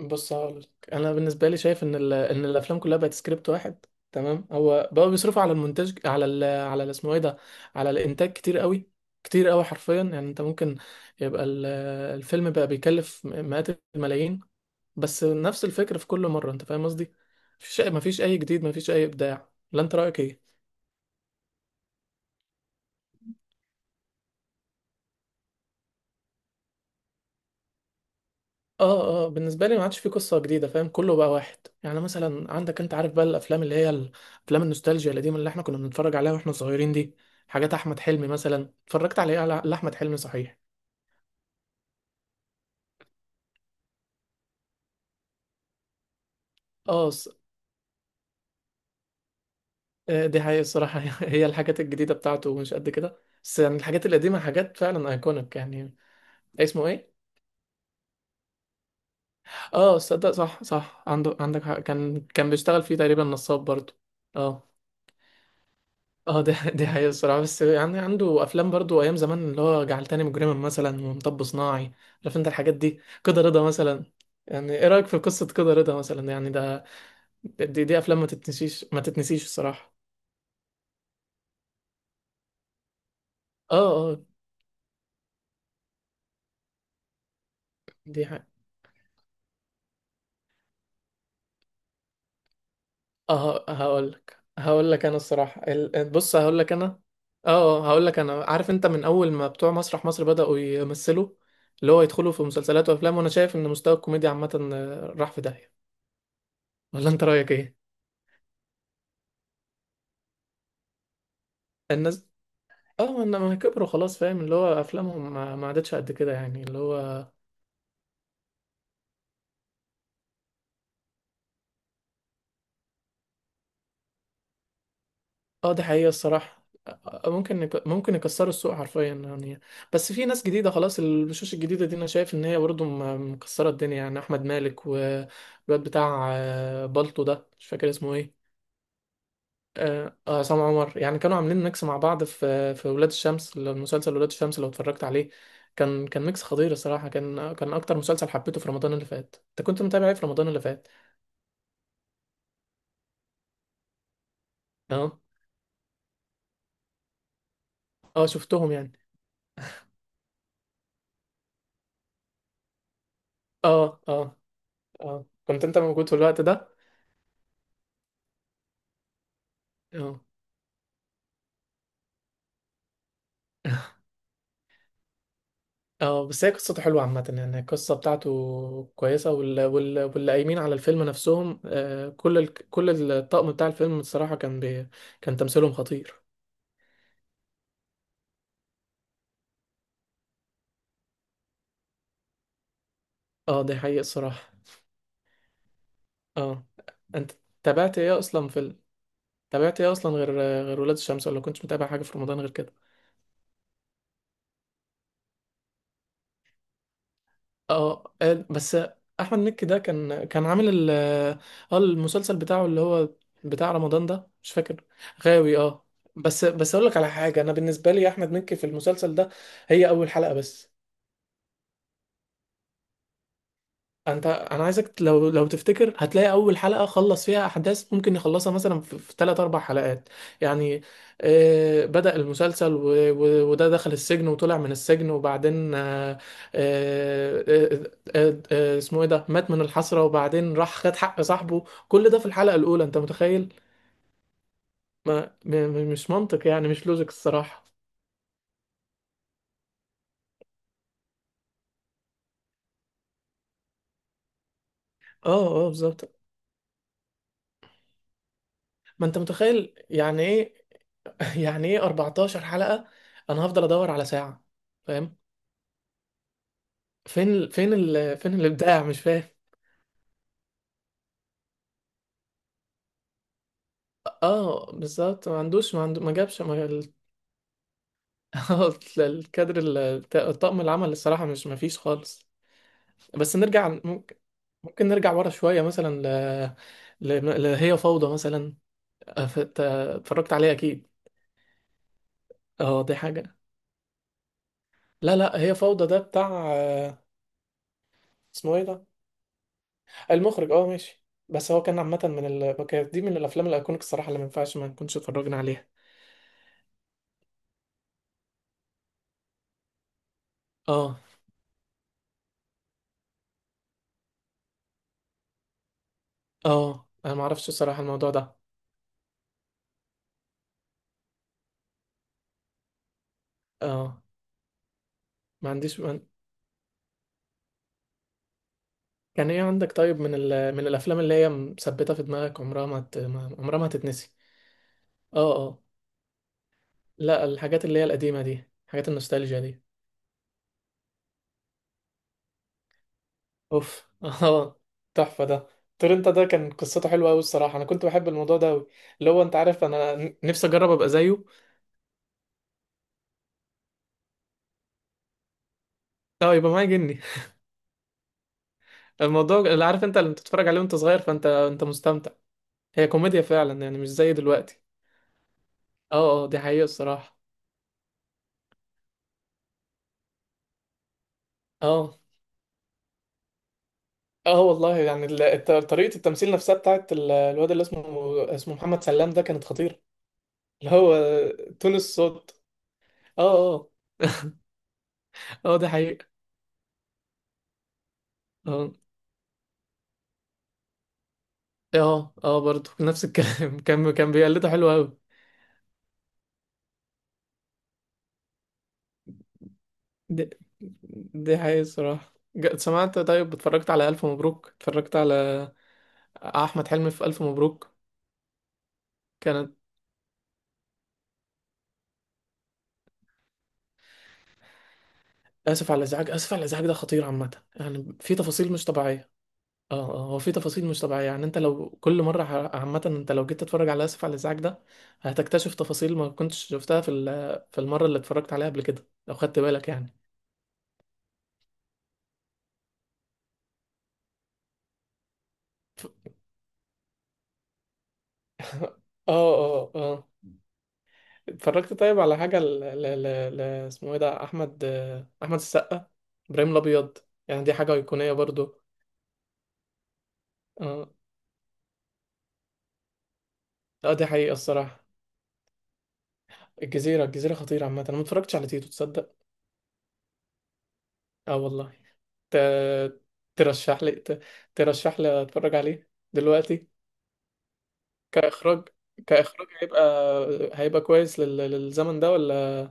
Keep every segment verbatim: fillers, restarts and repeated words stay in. بص هقولك انا بالنسبه لي شايف ان ال... ان الافلام كلها بقت سكريبت واحد. تمام، هو بقوا بيصرفوا على المونتاج على ال... على ال- اسمه ايه ده، على الانتاج كتير قوي، كتير قوي حرفيا. يعني انت ممكن يبقى ال... الفيلم بقى بيكلف مئات الملايين، بس نفس الفكره في كل مره، انت فاهم قصدي. مفيش مفيش اي جديد، مفيش اي ابداع، لا انت رايك ايه؟ اه اه، بالنسبه لي ما عادش في قصه جديده، فاهم، كله بقى واحد. يعني مثلا عندك، انت عارف بقى الافلام اللي هي ال- افلام النوستالجيا القديمه اللي احنا كنا بنتفرج عليها واحنا صغيرين دي، حاجات احمد حلمي مثلا. اتفرجت على ايه لاحمد حلمي؟ صحيح اه ص- آه، دي حقيقة الصراحة. هي الحاجات الجديدة بتاعته مش قد كده، بس يعني الحاجات القديمة حاجات فعلا ايكونيك يعني. اسمه ايه؟ اه صدق، صح صح، عنده، عندك حق. كان كان بيشتغل فيه تقريبا نصاب برضه. اه اه، ده دي حقيقة الصراحة، بس يعني عنده أفلام برضو أيام زمان، اللي هو جعلتني مجرما مثلا ومطب صناعي، عارف أنت الحاجات دي، كده رضا مثلا. يعني إيه رأيك في قصة كده رضا مثلا؟ يعني ده، دي, دي أفلام ما تتنسيش، ما تتنسيش الصراحة. اه اه، دي حقيقة. اه، هقول لك هقول لك أنا الصراحة ال- بص هقول لك أنا. اه آه، هقول لك أنا، عارف أنت، من أول ما بتوع مسرح مصر بدأوا يمثلوا، اللي هو يدخلوا في مسلسلات وأفلام، وأنا شايف إن مستوى الكوميديا عامة آه، راح في داهية، ولا أنت رأيك إيه؟ الناس اه، ما ما كبروا خلاص، فاهم، اللي هو افلامهم ما ما عادتش قد كده يعني اللي هو. اه دي حقيقة الصراحة. آه، ممكن يك- ممكن يكسروا السوق حرفيا يعني. بس في ناس جديدة خلاص، الوشوش الجديدة دي انا شايف ان هي برضه م- مكسرة الدنيا، يعني احمد مالك، والواد بتاع آه، بالطو ده، مش فاكر اسمه ايه. اه آه، عصام عمر. يعني كانوا عاملين ميكس مع بعض في في ولاد الشمس، لو- مسلسل ولاد الشمس لو اتفرجت عليه. كان كان ميكس خطير الصراحة، كان كان اكتر مسلسل حبيته في رمضان اللي فات. انت كنت متابع ايه في رمضان اللي فات؟ اه، اه شفتهم يعني. اه اه اه، كنت انت موجود في الوقت ده. اه. اه، بس هي قصته حلوه عامه، يعني القصه بتاعته كويسه، وال... وال... واللي قايمين على الفيلم نفسهم، آه، كل ال... كل الطقم بتاع الفيلم الصراحه كان بي... كان تمثيلهم خطير. اه دي حقيقه الصراحه. اه، انت تابعت ايه اصلا في ال... تابعت ايه اصلا غير، غير ولاد الشمس، ولا كنتش متابع حاجه في رمضان غير كده؟ اه آه، بس. احمد مكي ده كان كان عامل ال اه المسلسل بتاعه، اللي هو بتاع رمضان ده، مش فاكر. غاوي، اه. بس بس اقول لك على حاجه، انا بالنسبه لي احمد مكي في المسلسل ده، هي اول حلقه بس. انت انا عايزك، لو لو تفتكر، هتلاقي اول حلقه خلص فيها احداث ممكن يخلصها مثلا في في تلات اربع حلقات يعني. آه، بدأ المسلسل و... و... وده دخل السجن وطلع من السجن وبعدين آه آه آه آه، آه اسمه ايه ده، مات من الحسره وبعدين راح خد حق صاحبه، كل ده في الحلقه الاولى، انت متخيل؟ ما م... م- مش منطق يعني، مش لوجيك الصراحه. اه اه بالظبط ما انت متخيل يعني ايه يعني ايه اربعتاشر حلقه انا هفضل ادور على ساعه فاهم فين ال... فين ال... فين الابداع مش فاهم اه بالظبط، ما عندوش ما عنده ما جابش ما ال- آه، الكادر ال- الت- الطاقم العمل الصراحه، مش، ما فيش خالص. بس نرجع، ممكن ممكن نرجع ورا شويه مثلا ل... ل... ل... هي فوضى مثلا، أف- ت- اتفرجت عليه اكيد. اه دي حاجه، لا لا، هي فوضى ده بتاع آه، اسمه ايه ده، المخرج، اه ماشي. بس هو كان عامه من ال... كانت دي من الافلام الايكونيك الصراحه، اللي ما ينفعش ما نكونش اتفرجنا عليها. اه اه، انا ما اعرفش الصراحه الموضوع ده. اه ما عنديش ما... كان ايه عندك طيب من ال... من الافلام اللي هي مثبته في دماغك، عمرها ما, ت... ما... عمرها ما هتتنسي. اه اه، لا، الحاجات اللي هي القديمه دي، حاجات النوستالجيا دي. اوف، اه، تحفه ده. تورنتا ده كان قصته حلوه قوي الصراحه، انا كنت بحب الموضوع ده قوي، اللي هو انت عارف، انا ن- نفسي اجرب ابقى زيه. لا، يبقى معايا جني. الموضوع، اللي عارف انت، اللي بتتفرج عليه وانت صغير، فانت انت مستمتع، هي كوميديا فعلا يعني، مش زي دلوقتي. اه اه دي حقيقه الصراحه. اه اه والله، يعني ال- الت- طريقة التمثيل نفسها بتاعت ال- الواد اللي اسمه، اسمه محمد سلام ده، كانت خطيرة. اللي هو تون الصوت. اه اه، اه ده حقيقة. اه اه اه برضه نفس الكلام. كان كان بيقلده حلو قوي. دي, دي حقيقة الصراحة. ج- سمعت، طيب اتفرجت على ألف مبروك؟ اتفرجت على أحمد حلمي في ألف مبروك؟ كانت آسف على الإزعاج، آسف على الإزعاج ده خطير عامة يعني، في تفاصيل مش طبيعية. اه اه، هو في تفاصيل مش طبيعية، يعني انت لو كل مرة ح- عامة، انت لو جيت تتفرج على اسف على الازعاج ده، هتكتشف تفاصيل ما كنتش شفتها في ال- في المرة اللي اتفرجت عليها قبل كده، لو خدت بالك يعني. ف- اه اه اه. اتفرجت طيب على حاجة ل... ل... ل... ل... اسمه ايه ده، احمد، آه، احمد السقا، ابراهيم الابيض؟ يعني دي حاجة ايقونية برضو. اه اه دي حقيقة الصراحة. الجزيرة، الجزيرة خطيرة عامة، انا ما اتفرجتش على تيتو، تصدق؟ اه والله. ت... ترشح لي ت... ترشح لي اتفرج عليه دلوقتي؟ كإخراج، كإخراج هيبقى، هيبقى كويس لل... للزمن ده ولا؟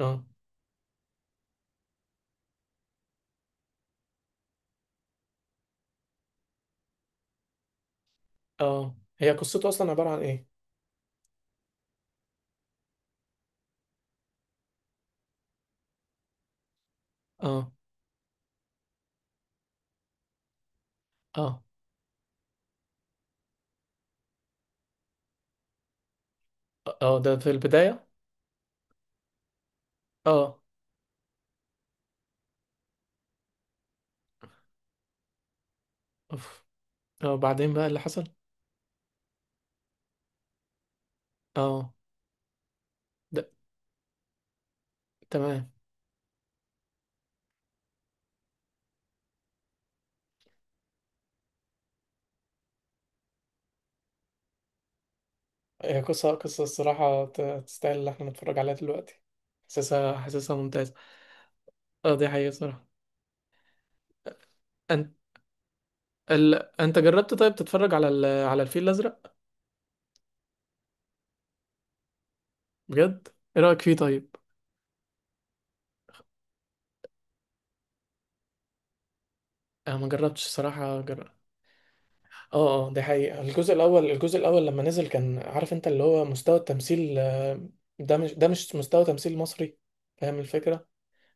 اه اه، هي قصته أصلا عبارة عن إيه؟ اه اه اه، ده في البداية. اه. أوف. اه بعدين بقى اللي حصل. اه ده. تمام. هي قصة، قصة الصراحة، ت- تستاهل اللي احنا نتفرج عليها دلوقتي، حاسسها، حاسسها ممتازة. اه دي حقيقة صراحة. أنت ال... أنت جربت طيب تتفرج على ال... على الفيل الأزرق؟ بجد؟ إيه رأيك فيه طيب؟ أنا ما جربتش الصراحة، جرب. اه اه، دي حقيقة. الجزء الأول، الجزء الأول لما نزل، كان عارف انت، اللي هو مستوى التمثيل، آه، ده مش، ده مش مستوى تمثيل مصري، فاهم الفكرة؟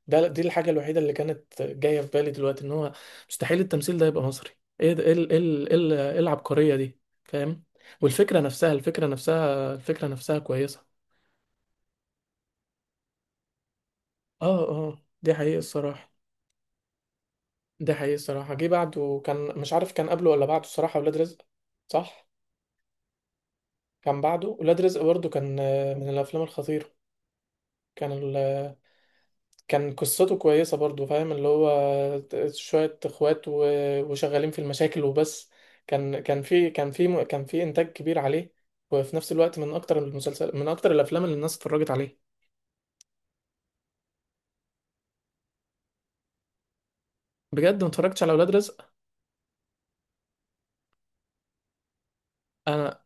ده دي الحاجة الوحيدة اللي كانت جاية في بالي دلوقتي، ان هو مستحيل التمثيل ده يبقى مصري. ايه ده، ايه ال- ايه ال- ايه ال- إيه العبقرية دي، فاهم؟ والفكرة نفسها، الفكرة نفسها الفكرة نفسها كويسة. اه اه دي حقيقة الصراحة. دي حقيقة الصراحة، جه بعده، كان مش عارف كان قبله ولا بعده الصراحة، ولاد رزق. صح، كان بعده ولاد رزق برضه، كان آه، من الأفلام الخطيرة. كان، كان قصته كويسة برضو، فاهم، اللي هو شوية اخوات و... وشغالين في المشاكل وبس. كان كان في كان في كان في انتاج كبير عليه، وفي نفس الوقت من اكتر المسلسل، من اكتر الافلام اللي الناس اتفرجت عليه. بجد ما اتفرجتش على اولاد رزق. انا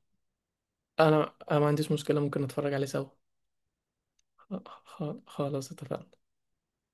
انا انا ما عنديش مشكلة، ممكن اتفرج عليه سوا. خ- خ- خلاص اتفقنا.